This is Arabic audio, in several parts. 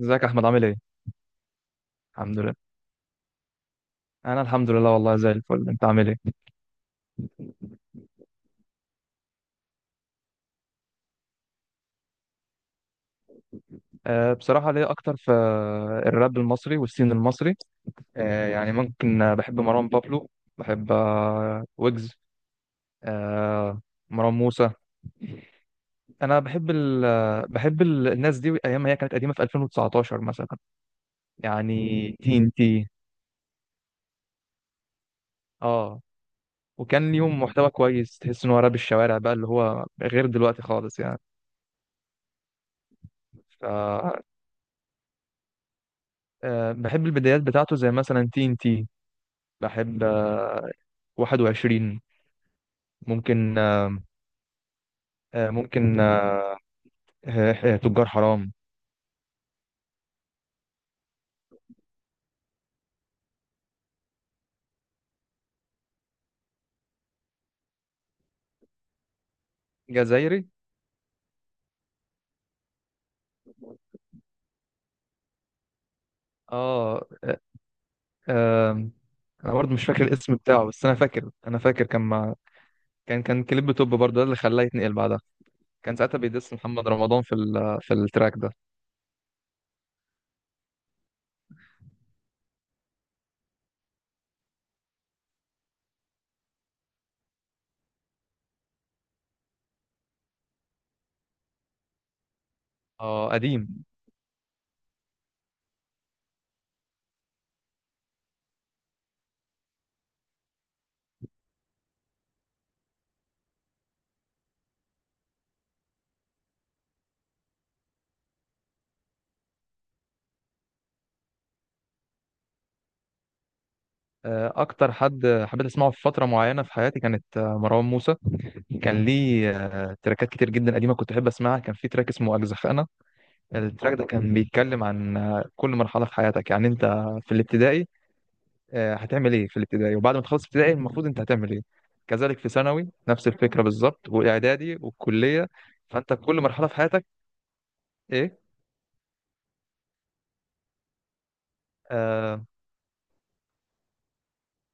ازيك يا احمد، عامل ايه؟ الحمد لله. انا الحمد لله والله زي الفل، انت عامل ايه؟ أه، بصراحه ليا اكتر في الراب المصري والسين المصري. أه يعني ممكن، بحب مروان بابلو، بحب ويجز، أه مروان موسى. انا بحب ال آه، بحب ال الناس دي ايام ما هي كانت قديمه في 2019 مثلا، يعني تي ان تي. اه، وكان ليهم محتوى كويس، تحس ان هو راب الشوارع بقى، اللي هو غير دلوقتي خالص يعني. ف بحب البدايات بتاعته زي مثلا تي ان تي، بحب 21، ممكن، آه، ممكن آه، تجار حرام. جزائري. اه آه، آه، انا برضه مش فاكر الاسم بتاعه، بس انا فاكر، كان مع. كان كليب توب برضه، ده اللي خلاه يتنقل بعدها. كان ساعتها بيدس محمد رمضان في في التراك ده. اه قديم. اكتر حد حبيت اسمعه في فتره معينه في حياتي كانت مروان موسى. كان ليه تراكات كتير جدا قديمه، كنت احب اسمعها. كان في تراك اسمه اجزخانه. التراك ده كان بيتكلم عن كل مرحلة في حياتك، يعني انت في الابتدائي، هتعمل ايه في الابتدائي، وبعد ما تخلص ابتدائي المفروض انت هتعمل ايه. كذلك في ثانوي نفس الفكرة بالظبط، واعدادي والكلية. فانت كل مرحلة في حياتك. ايه؟ آه،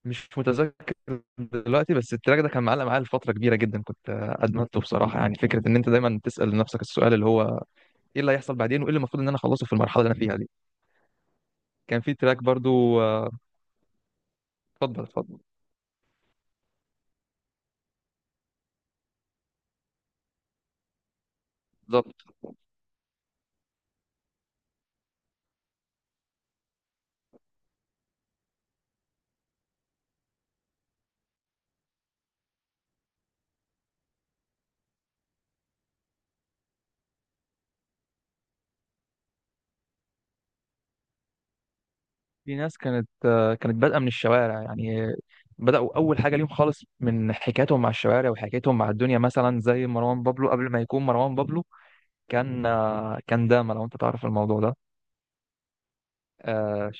مش متذكر دلوقتي. بس التراك ده كان معلق معايا لفترة كبيرة جدا، كنت ادمنته بصراحة. يعني فكرة ان انت دايما تسأل نفسك السؤال اللي هو ايه اللي هيحصل بعدين، وايه اللي المفروض ان انا اخلصه في المرحلة اللي انا فيها دي. كان في تراك برضو، اتفضل اتفضل. بالظبط. في ناس كانت، كانت بادئه من الشوارع يعني، بداوا اول حاجه ليهم خالص من حكايتهم مع الشوارع وحكايتهم مع الدنيا، مثلا زي مروان بابلو قبل ما يكون مروان بابلو. كان كان داما، لو انت تعرف الموضوع ده. آه،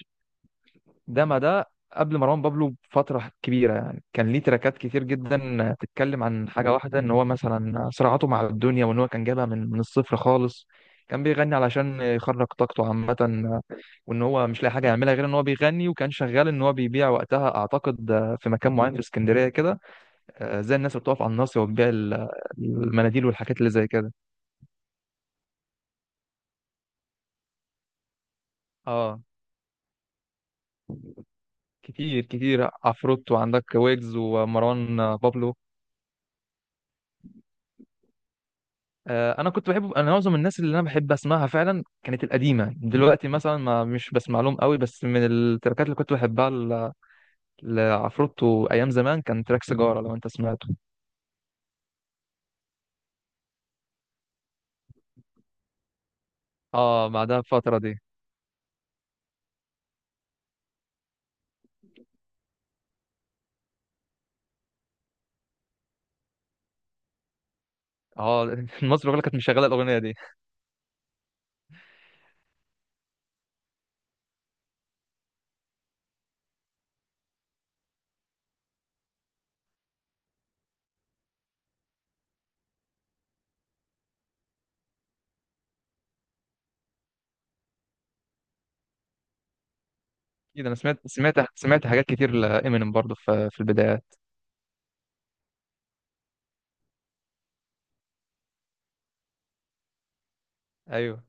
داما ده قبل مروان بابلو بفتره كبيره يعني، كان ليه تراكات كتير جدا تتكلم عن حاجه واحده، ان هو مثلا صراعاته مع الدنيا، وان هو كان جايبها من الصفر خالص. كان بيغني علشان يخرج طاقته عامه، وان هو مش لاقي حاجه يعملها غير ان هو بيغني، وكان شغال ان هو بيبيع وقتها اعتقد، في مكان معين في اسكندريه كده. زي الناس اللي بتقف على الناصيه وبتبيع المناديل والحاجات اللي زي كده. اه كتير كتير عفروت، وعندك ويجز، ومروان بابلو. انا كنت بحب، انا معظم الناس اللي انا بحب اسمعها فعلا كانت القديمه، دلوقتي مثلا ما مش بسمع لهم قوي، بس من التراكات اللي كنت بحبها لعفروتو ايام زمان كان تراك سيجاره، لو انت سمعته. اه بعدها بفتره دي. اه مصر كلها كانت مشغله الاغنيه دي. اكيد انا سمعت حاجات كتير لامينيم برضه في البدايات. ايوه.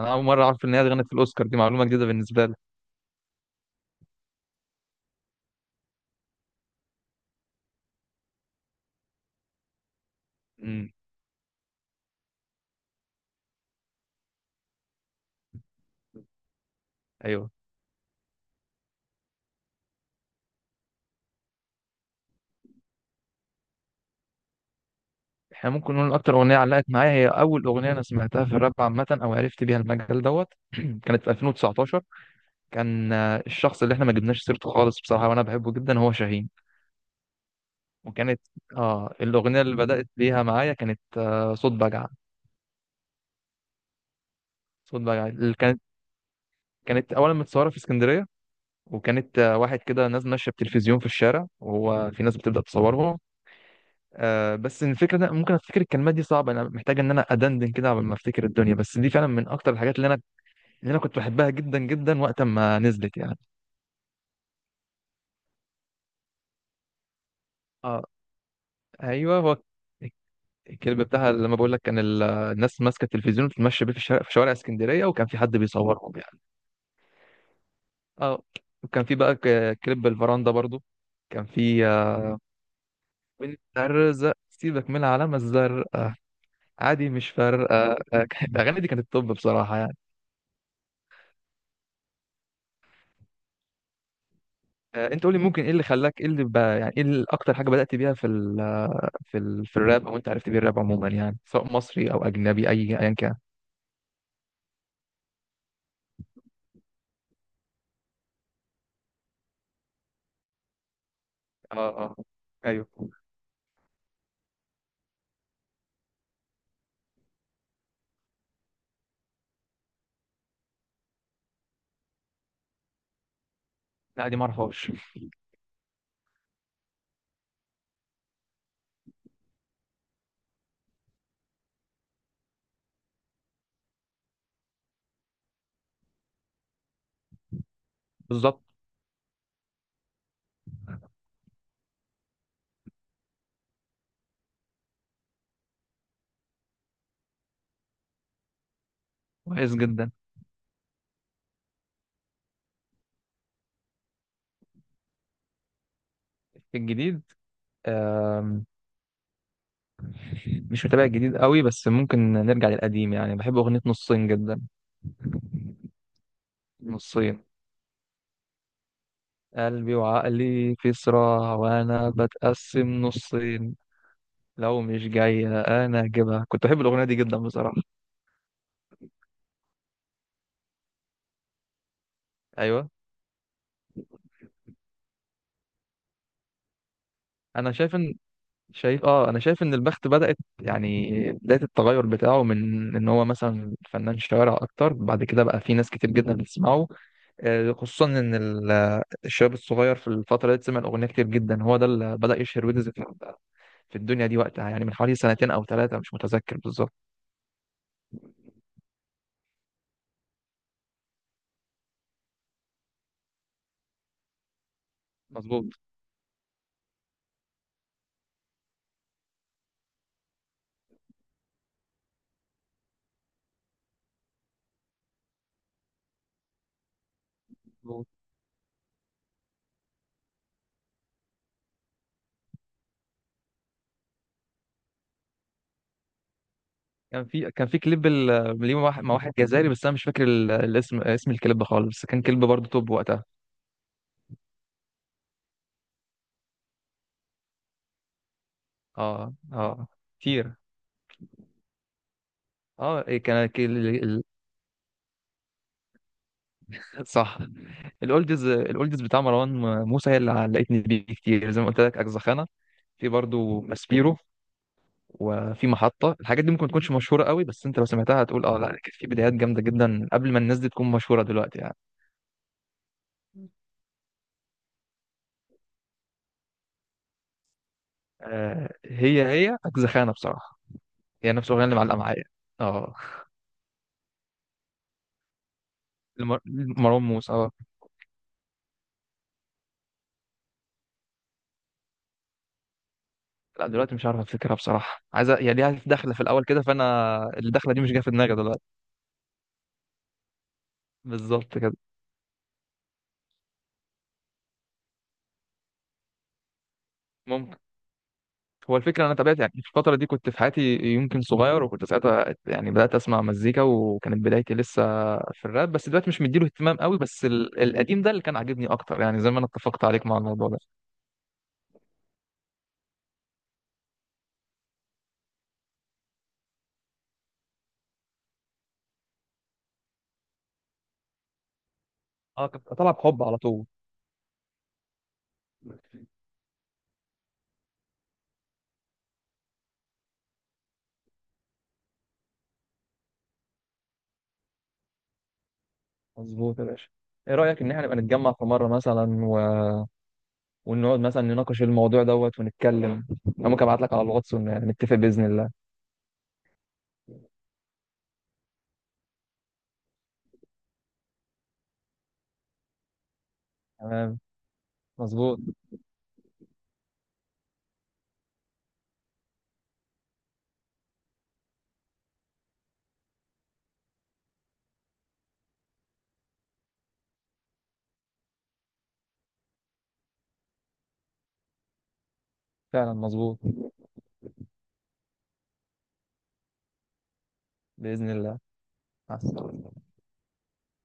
انا اول مره اعرف ان هي غنت في الاوسكار، دي معلومه جديده بالنسبه لي. امم ايوه. احنا ممكن نقول اكتر اغنيه علقت معايا هي اول اغنيه انا سمعتها في الراب عامه، او عرفت بيها المجال دوت كانت في 2019. كان الشخص اللي احنا ما جبناش سيرته خالص بصراحه وانا بحبه جدا هو شاهين. وكانت، اه، الاغنيه اللي بدات بيها معايا كانت صوت بجعه. صوت بجعه اللي كانت، كانت اولا متصوره في اسكندريه، وكانت واحد كده ناس ماشيه بتلفزيون في الشارع، وهو في ناس بتبدا تصورهم. بس الفكره ده، ممكن افتكر الكلمات، دي صعبه، انا محتاج ان انا ادندن كده قبل ما افتكر الدنيا. بس دي فعلا من اكتر الحاجات اللي انا، اللي انا كنت بحبها جدا جدا وقت ما نزلت يعني. اه ايوه هو. الكلب بتاعها، لما بقول لك، كان الناس ماسكه التلفزيون بتمشي بيه في الشارع، في شوارع اسكندريه، وكان في حد بيصورهم يعني. اه. وكان في بقى كليب الفراندا برضو. كان في بنت الرزق سيبك من العلامه الزرقاء. عادي مش فارقه. الاغاني دي كانت توب بصراحه يعني. انت قولي، ممكن ايه اللي خلاك، ايه اللي بقى يعني ايه اكتر حاجه بدات بيها في الراب، او انت عرفت بيه الراب عموما، يعني سواء مصري او اجنبي اي ايا كان. اه اه ايوه. لا دي ما اعرفهاش. بالظبط. كويس جدا. في الجديد، آم، مش متابع الجديد قوي، بس ممكن نرجع للقديم يعني. بحب اغنيه نصين جدا. نصين، قلبي وعقلي في صراع وانا بتقسم نصين. لو مش جاية انا هجيبها، كنت بحب الاغنية دي جدا بصراحة. ايوه انا شايف ان، شايف اه انا شايف ان البخت بدأت، يعني بداية التغير بتاعه، من ان هو مثلا فنان شوارع اكتر، بعد كده بقى في ناس كتير جدا بتسمعه. خصوصا ان الشباب الصغير في الفترة دي سمع الاغنية كتير جدا، هو ده اللي بدأ يشهر ويجز في الدنيا دي وقتها، يعني من حوالي سنتين او ثلاثة، مش متذكر بالظبط. مظبوط مظبوط. كان في كليب ليه مع واحد، مع واحد جزائري، بس انا مش فاكر الاسم، اسم الكليب خالص، بس كان كليب برضه توب وقتها. اه اه كتير. اه إيه صح. الاولدز، الاولدز بتاع مروان موسى هي اللي علقتني بيه كتير، زي ما قلت لك اجزخانه. في برضو ماسبيرو، وفي محطه. الحاجات دي ممكن تكونش مشهوره قوي، بس انت لو سمعتها هتقول اه، لا كانت في بدايات جامده جدا قبل ما الناس دي تكون مشهوره دلوقتي يعني. آه هي، هي اجزخانه بصراحه، هي نفس الاغنيه اللي معلقه معايا. اه لمروان موسى اه. لا دلوقتي مش عارف افتكرها بصراحه، عايزه يعني ليها دخله في الاول كده، فانا الدخله دي مش جايه في دماغي دلوقتي. بالظبط كده. ممكن. هو الفكره انا تابعت يعني في الفتره دي، كنت في حياتي يمكن صغير، وكنت ساعتها يعني بدات اسمع مزيكا، وكانت بدايتي لسه في الراب، بس دلوقتي مش مديله اهتمام قوي، بس القديم ده اللي كان عاجبني اكتر يعني، زي ما انا اتفقت عليك مع الموضوع ده. اه كنت طالع بحب على طول. مظبوط يا باشا. ايه رايك ان احنا نبقى نتجمع في مره مثلا، و... ونقعد مثلا نناقش الموضوع دوت، ونتكلم. انا ممكن ابعت لك على الواتس نتفق باذن الله. تمام. مظبوط. فعلا مظبوط. باذن الله. مع السلامه.